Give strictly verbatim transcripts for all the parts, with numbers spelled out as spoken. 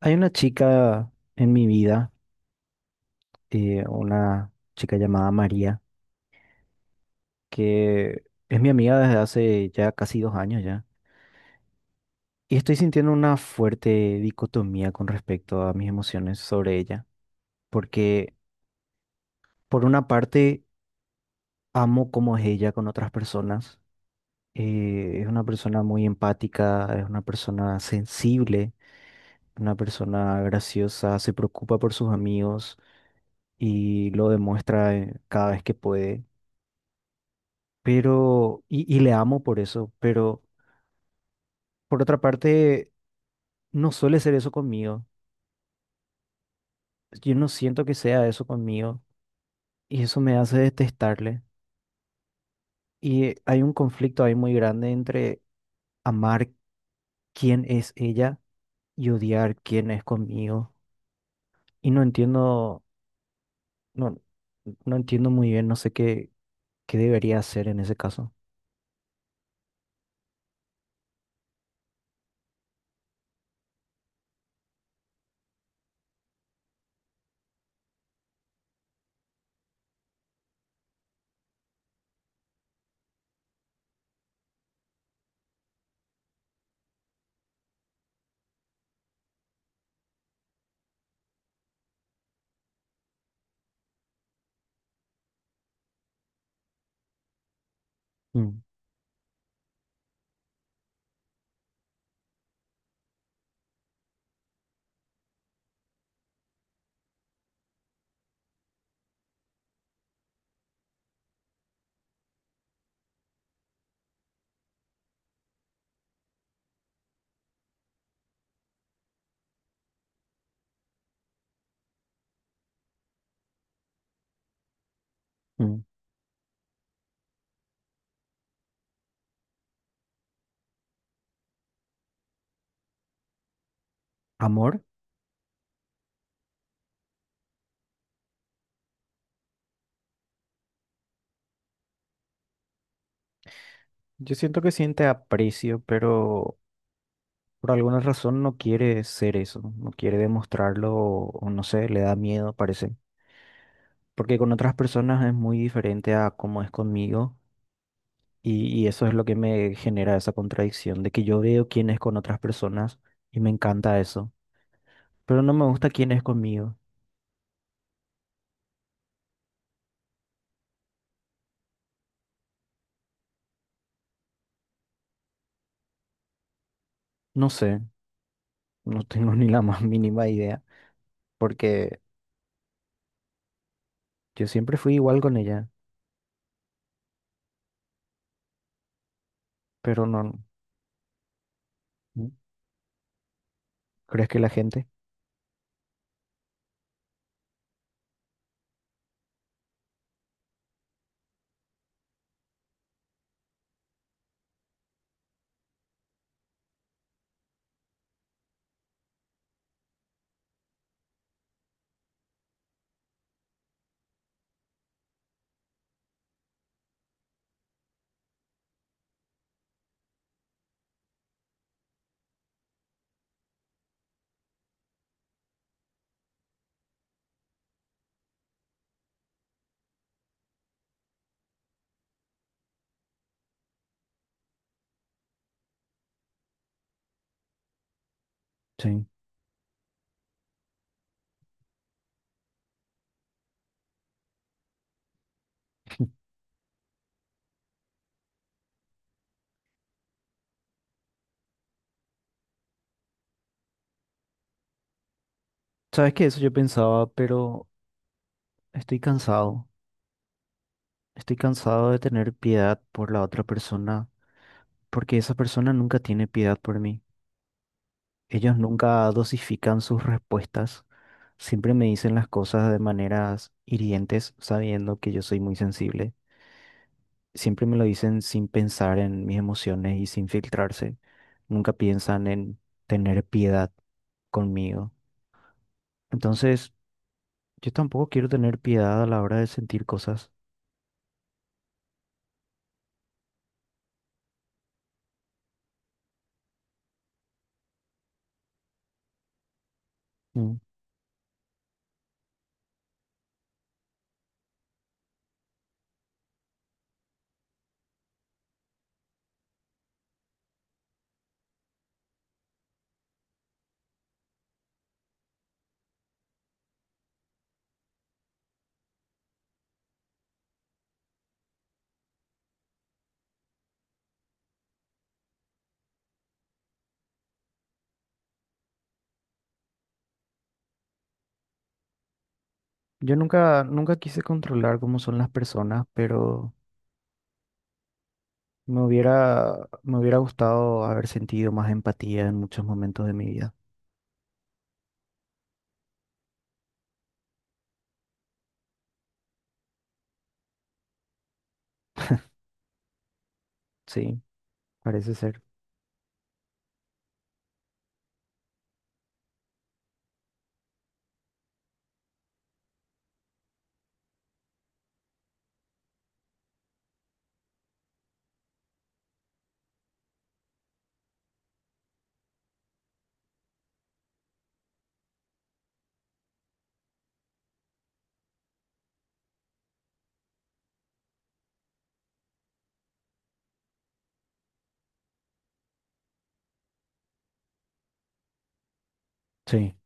Hay una chica en mi vida, eh, una chica llamada María, que es mi amiga desde hace ya casi dos años ya. Y estoy sintiendo una fuerte dicotomía con respecto a mis emociones sobre ella. Porque por una parte amo cómo es ella con otras personas. eh, es una persona muy empática, es una persona sensible, una persona graciosa, se preocupa por sus amigos y lo demuestra eh, cada vez que puede. pero, y, y le amo por eso, pero por otra parte, no suele ser eso conmigo. Yo no siento que sea eso conmigo y eso me hace detestarle. Y hay un conflicto ahí muy grande entre amar quién es ella y odiar quién es conmigo. Y no entiendo, no, no entiendo muy bien, no sé qué, qué debería hacer en ese caso. Mm, mm. ¿Amor? Yo siento que siente aprecio, pero... Por alguna razón no quiere ser eso, no quiere demostrarlo o, o no sé, le da miedo, parece. Porque con otras personas es muy diferente a cómo es conmigo y, y eso es lo que me genera esa contradicción de que yo veo quién es con otras personas y me encanta eso, pero no me gusta quién es conmigo. No sé, no tengo ni la más mínima idea porque yo siempre fui igual con ella, pero no, ¿crees que la gente? Sí. ¿Sabes qué? Eso yo pensaba, pero estoy cansado. Estoy cansado de tener piedad por la otra persona, porque esa persona nunca tiene piedad por mí. Ellos nunca dosifican sus respuestas, siempre me dicen las cosas de maneras hirientes, sabiendo que yo soy muy sensible. Siempre me lo dicen sin pensar en mis emociones y sin filtrarse. Nunca piensan en tener piedad conmigo. Entonces, yo tampoco quiero tener piedad a la hora de sentir cosas. Mm. Yo nunca, nunca quise controlar cómo son las personas, pero... Me hubiera, me hubiera gustado haber sentido más empatía en muchos momentos de mi vida. Sí, parece ser. Sí.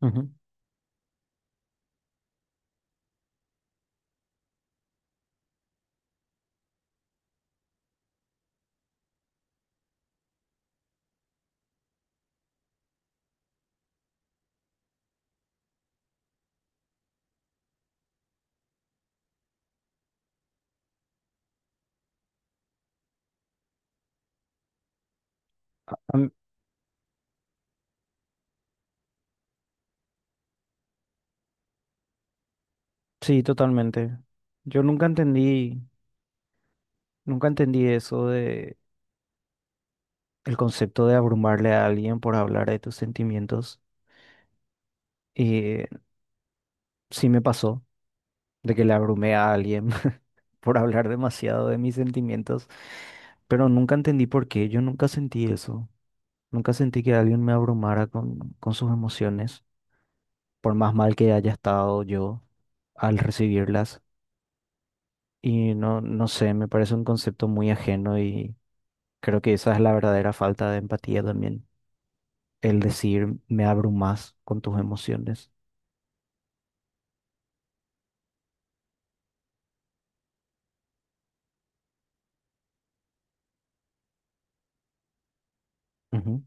Ujú. Am- sí, totalmente. Yo nunca entendí, nunca entendí eso de el concepto de abrumarle a alguien por hablar de tus sentimientos. Y sí me pasó de que le abrumé a alguien por hablar demasiado de mis sentimientos, pero nunca entendí por qué. Yo nunca sentí eso. Nunca sentí que alguien me abrumara con, con sus emociones. Por más mal que haya estado yo al recibirlas. Y no, no sé, me parece un concepto muy ajeno y creo que esa es la verdadera falta de empatía también, el decir me abrumas con tus emociones. Ujú.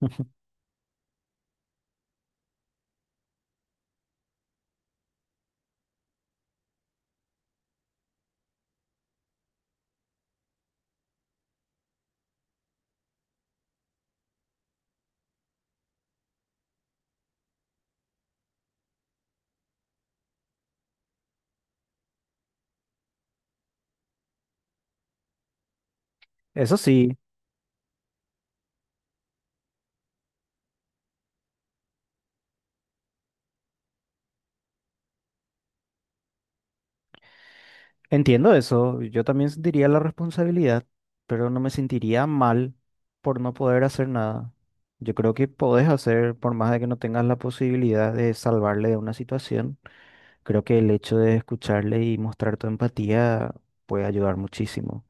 Eso sí, entiendo eso, yo también sentiría la responsabilidad, pero no me sentiría mal por no poder hacer nada. Yo creo que podés hacer, por más de que no tengas la posibilidad de salvarle de una situación. Creo que el hecho de escucharle y mostrar tu empatía puede ayudar muchísimo.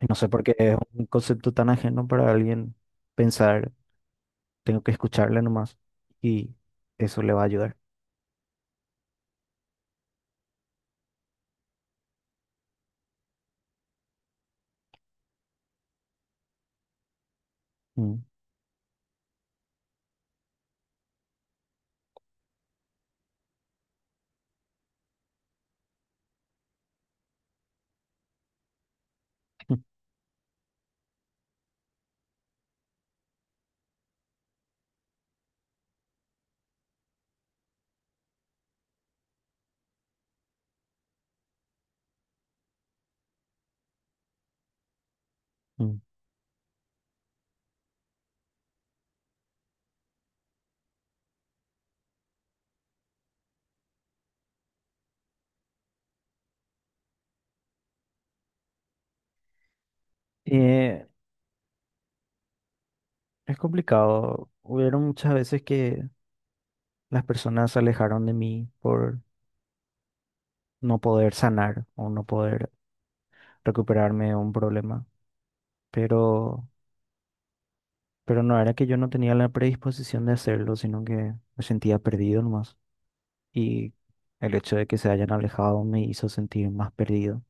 Y no sé por qué es un concepto tan ajeno para alguien pensar, tengo que escucharle nomás y eso le va a ayudar. Mm. Mm. Eh, es complicado. Hubieron muchas veces que las personas se alejaron de mí por no poder sanar o no poder recuperarme de un problema, pero, pero no era que yo no tenía la predisposición de hacerlo, sino que me sentía perdido nomás. Y el hecho de que se hayan alejado me hizo sentir más perdido.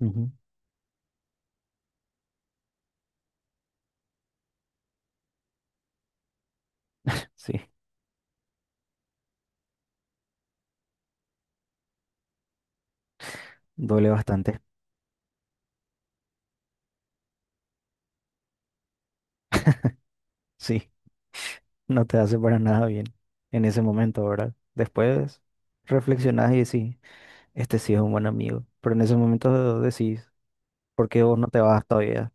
Ujú. Sí, duele bastante. Sí, no te hace para nada bien en ese momento, ¿verdad? Después reflexionás y decís, este sí es un buen amigo, pero en ese momento decís, ¿por qué vos no te vas todavía?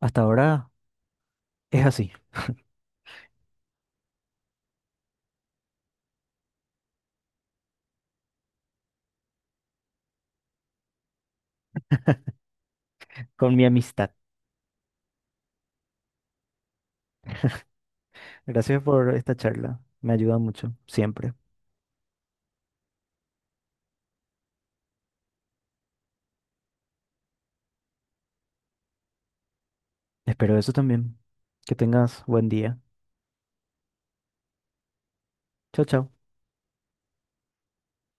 Hasta ahora es así, con mi amistad. Gracias por esta charla, me ayuda mucho, siempre. Espero eso también. Que tengas buen día. Chao, chao.